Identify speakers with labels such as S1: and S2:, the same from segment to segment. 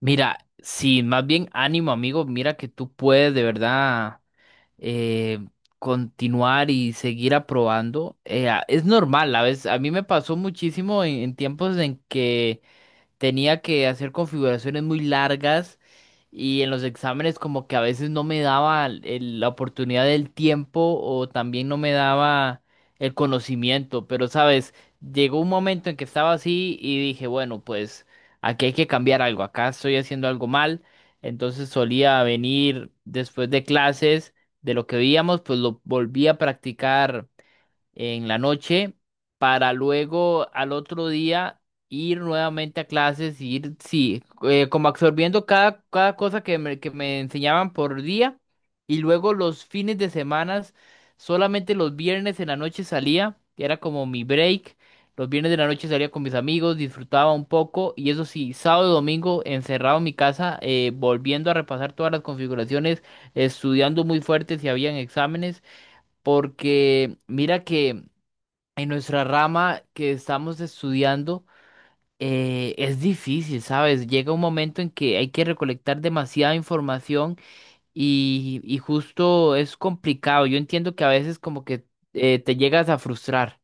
S1: Mira, sí, más bien ánimo, amigo. Mira que tú puedes de verdad eh, continuar y seguir aprobando. Es normal, a veces, a mí me pasó muchísimo en tiempos en que tenía que hacer configuraciones muy largas y en los exámenes como que a veces no me daba la oportunidad del tiempo o también no me daba el conocimiento, pero sabes, llegó un momento en que estaba así y dije, bueno, pues aquí hay que cambiar algo, acá estoy haciendo algo mal. Entonces solía venir después de clases, de lo que veíamos, pues lo volví a practicar en la noche para luego al otro día ir nuevamente a clases, y ir, sí, como absorbiendo cada cosa que me enseñaban por día y luego los fines de semanas, solamente los viernes en la noche salía, que era como mi break. Los viernes de la noche salía con mis amigos, disfrutaba un poco y eso sí, sábado y domingo encerrado en mi casa, volviendo a repasar todas las configuraciones, estudiando muy fuerte si habían exámenes, porque mira que en nuestra rama que estamos estudiando, es difícil, ¿sabes? Llega un momento en que hay que recolectar demasiada información y justo es complicado. Yo entiendo que a veces como que te llegas a frustrar.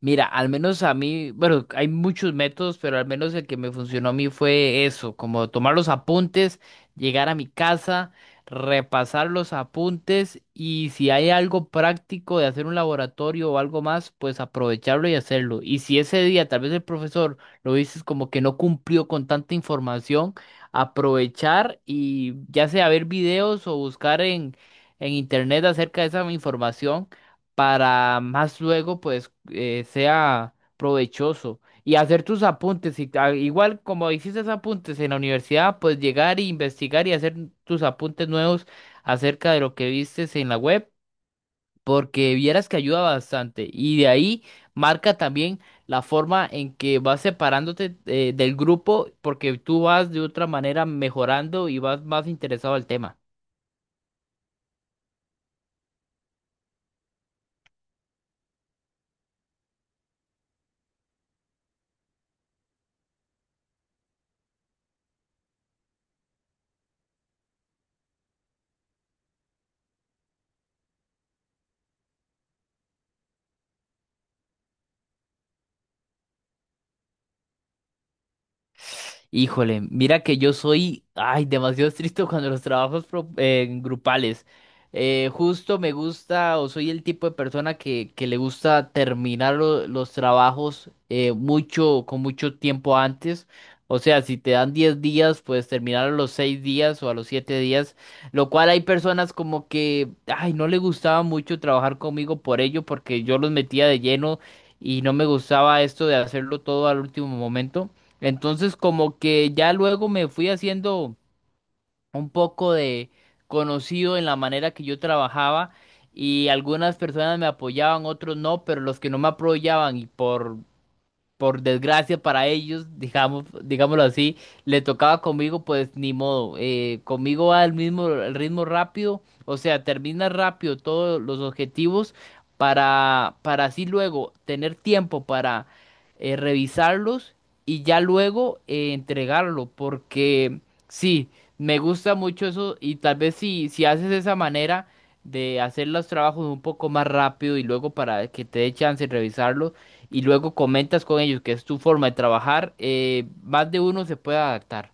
S1: Mira, al menos a mí, bueno, hay muchos métodos, pero al menos el que me funcionó a mí fue eso, como tomar los apuntes, llegar a mi casa, repasar los apuntes y si hay algo práctico de hacer un laboratorio o algo más, pues aprovecharlo y hacerlo. Y si ese día tal vez el profesor lo dices como que no cumplió con tanta información, aprovechar y ya sea ver videos o buscar en internet acerca de esa información para más luego pues sea provechoso y hacer tus apuntes y igual como hiciste apuntes en la universidad pues llegar e investigar y hacer tus apuntes nuevos acerca de lo que vistes en la web, porque vieras que ayuda bastante y de ahí marca también la forma en que vas separándote del grupo, porque tú vas de otra manera mejorando y vas más interesado al tema. Híjole, mira que yo soy, ay, demasiado estricto cuando los trabajos grupales. Justo me gusta o soy el tipo de persona que le gusta terminar los trabajos mucho, con mucho tiempo antes. O sea, si te dan 10 días, pues terminar a los 6 días o a los 7 días. Lo cual hay personas como que, ay, no le gustaba mucho trabajar conmigo por ello, porque yo los metía de lleno y no me gustaba esto de hacerlo todo al último momento. Entonces como que ya luego me fui haciendo un poco de conocido en la manera que yo trabajaba y algunas personas me apoyaban, otros no, pero los que no me apoyaban y por desgracia para ellos, digamos, digámoslo así, le tocaba conmigo, pues ni modo. Conmigo va el mismo el ritmo rápido, o sea, termina rápido todos los objetivos para así luego tener tiempo para revisarlos y ya luego entregarlo, porque sí, me gusta mucho eso y tal vez si haces de esa manera de hacer los trabajos un poco más rápido y luego para que te dé chance de revisarlos y luego comentas con ellos que es tu forma de trabajar. Más de uno se puede adaptar.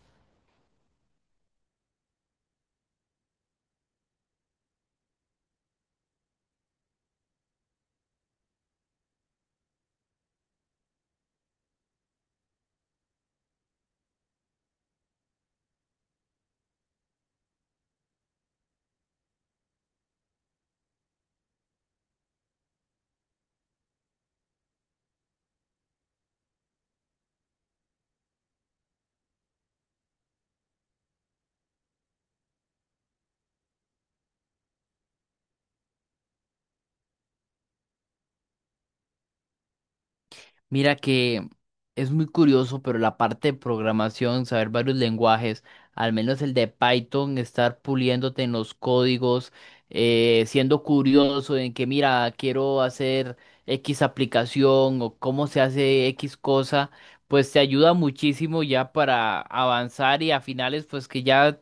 S1: Mira que es muy curioso, pero la parte de programación, saber varios lenguajes, al menos el de Python, estar puliéndote en los códigos, siendo curioso en que, mira, quiero hacer X aplicación o cómo se hace X cosa, pues te ayuda muchísimo ya para avanzar y a finales, pues que ya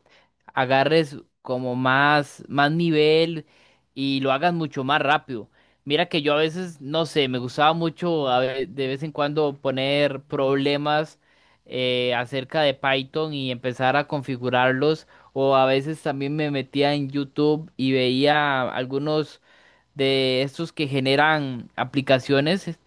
S1: agarres como más nivel y lo hagas mucho más rápido. Mira que yo a veces, no sé, me gustaba mucho de vez en cuando poner problemas acerca de Python y empezar a configurarlos. O a veces también me metía en YouTube y veía algunos de estos que generan aplicaciones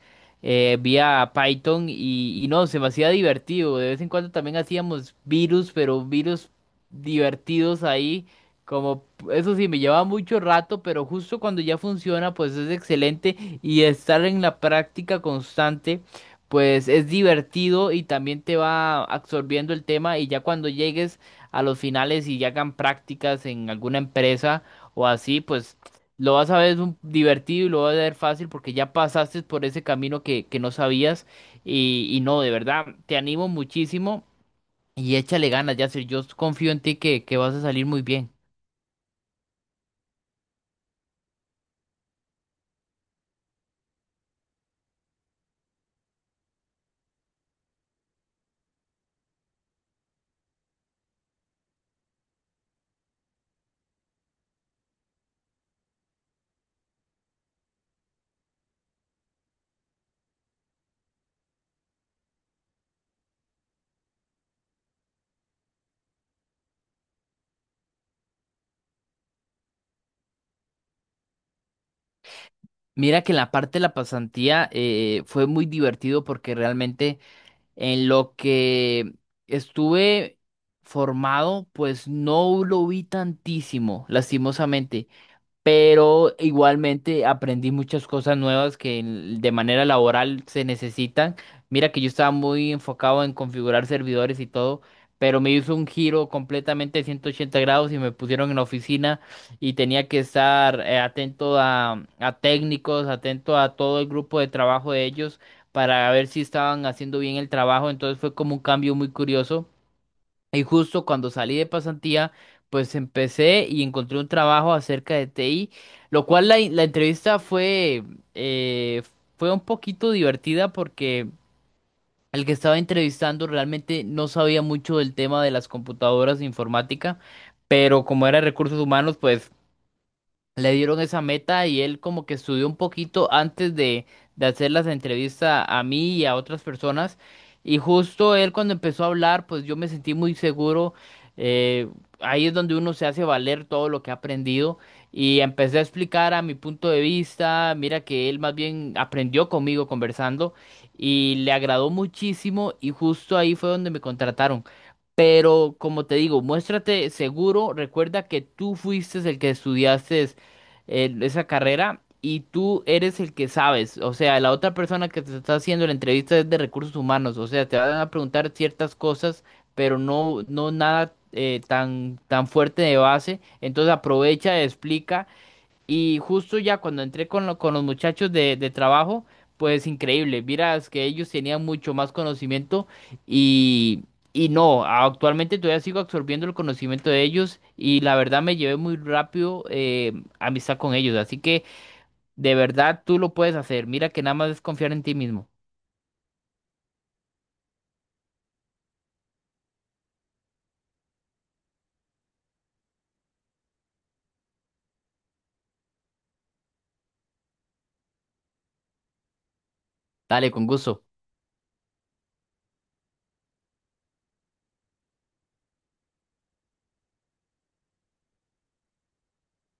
S1: vía Python y no, se me hacía divertido. De vez en cuando también hacíamos virus, pero virus divertidos ahí. Como eso sí, me lleva mucho rato, pero justo cuando ya funciona, pues es excelente y estar en la práctica constante. Pues es divertido y también te va absorbiendo el tema y ya cuando llegues a los finales y ya hagan prácticas en alguna empresa o así, pues lo vas a ver divertido y lo vas a ver fácil porque ya pasaste por ese camino que no sabías y no, de verdad, te animo muchísimo y échale ganas, Yasser. Yo confío en ti que vas a salir muy bien. Mira que en la parte de la pasantía fue muy divertido porque realmente en lo que estuve formado, pues no lo vi tantísimo, lastimosamente, pero igualmente aprendí muchas cosas nuevas que de manera laboral se necesitan. Mira que yo estaba muy enfocado en configurar servidores y todo, pero me hizo un giro completamente de 180 grados y me pusieron en la oficina y tenía que estar atento a técnicos, atento a todo el grupo de trabajo de ellos para ver si estaban haciendo bien el trabajo. Entonces fue como un cambio muy curioso. Y justo cuando salí de pasantía, pues empecé y encontré un trabajo acerca de TI, lo cual la entrevista fue, eh, fue un poquito divertida porque el que estaba entrevistando realmente no sabía mucho del tema de las computadoras, de informática, pero como era recursos humanos, pues le dieron esa meta y él como que estudió un poquito antes de hacer las entrevistas a mí y a otras personas. Y justo él cuando empezó a hablar, pues yo me sentí muy seguro. eh, Ahí es donde uno se hace valer todo lo que ha aprendido. Y empecé a explicar a mi punto de vista. Mira que él más bien aprendió conmigo conversando y le agradó muchísimo y justo ahí fue donde me contrataron. Pero como te digo, muéstrate seguro, recuerda que tú fuiste el que estudiaste esa carrera y tú eres el que sabes. O sea, la otra persona que te está haciendo la entrevista es de recursos humanos. O sea, te van a preguntar ciertas cosas, pero no, no nada tan, tan fuerte de base. Entonces aprovecha, explica. Y justo ya cuando entré con los muchachos de trabajo, pues increíble, miras que ellos tenían mucho más conocimiento y, y no, actualmente todavía sigo absorbiendo el conocimiento de ellos y la verdad me llevé muy rápido, amistad con ellos, así que de verdad tú lo puedes hacer, mira que nada más es confiar en ti mismo. Dale, con gusto.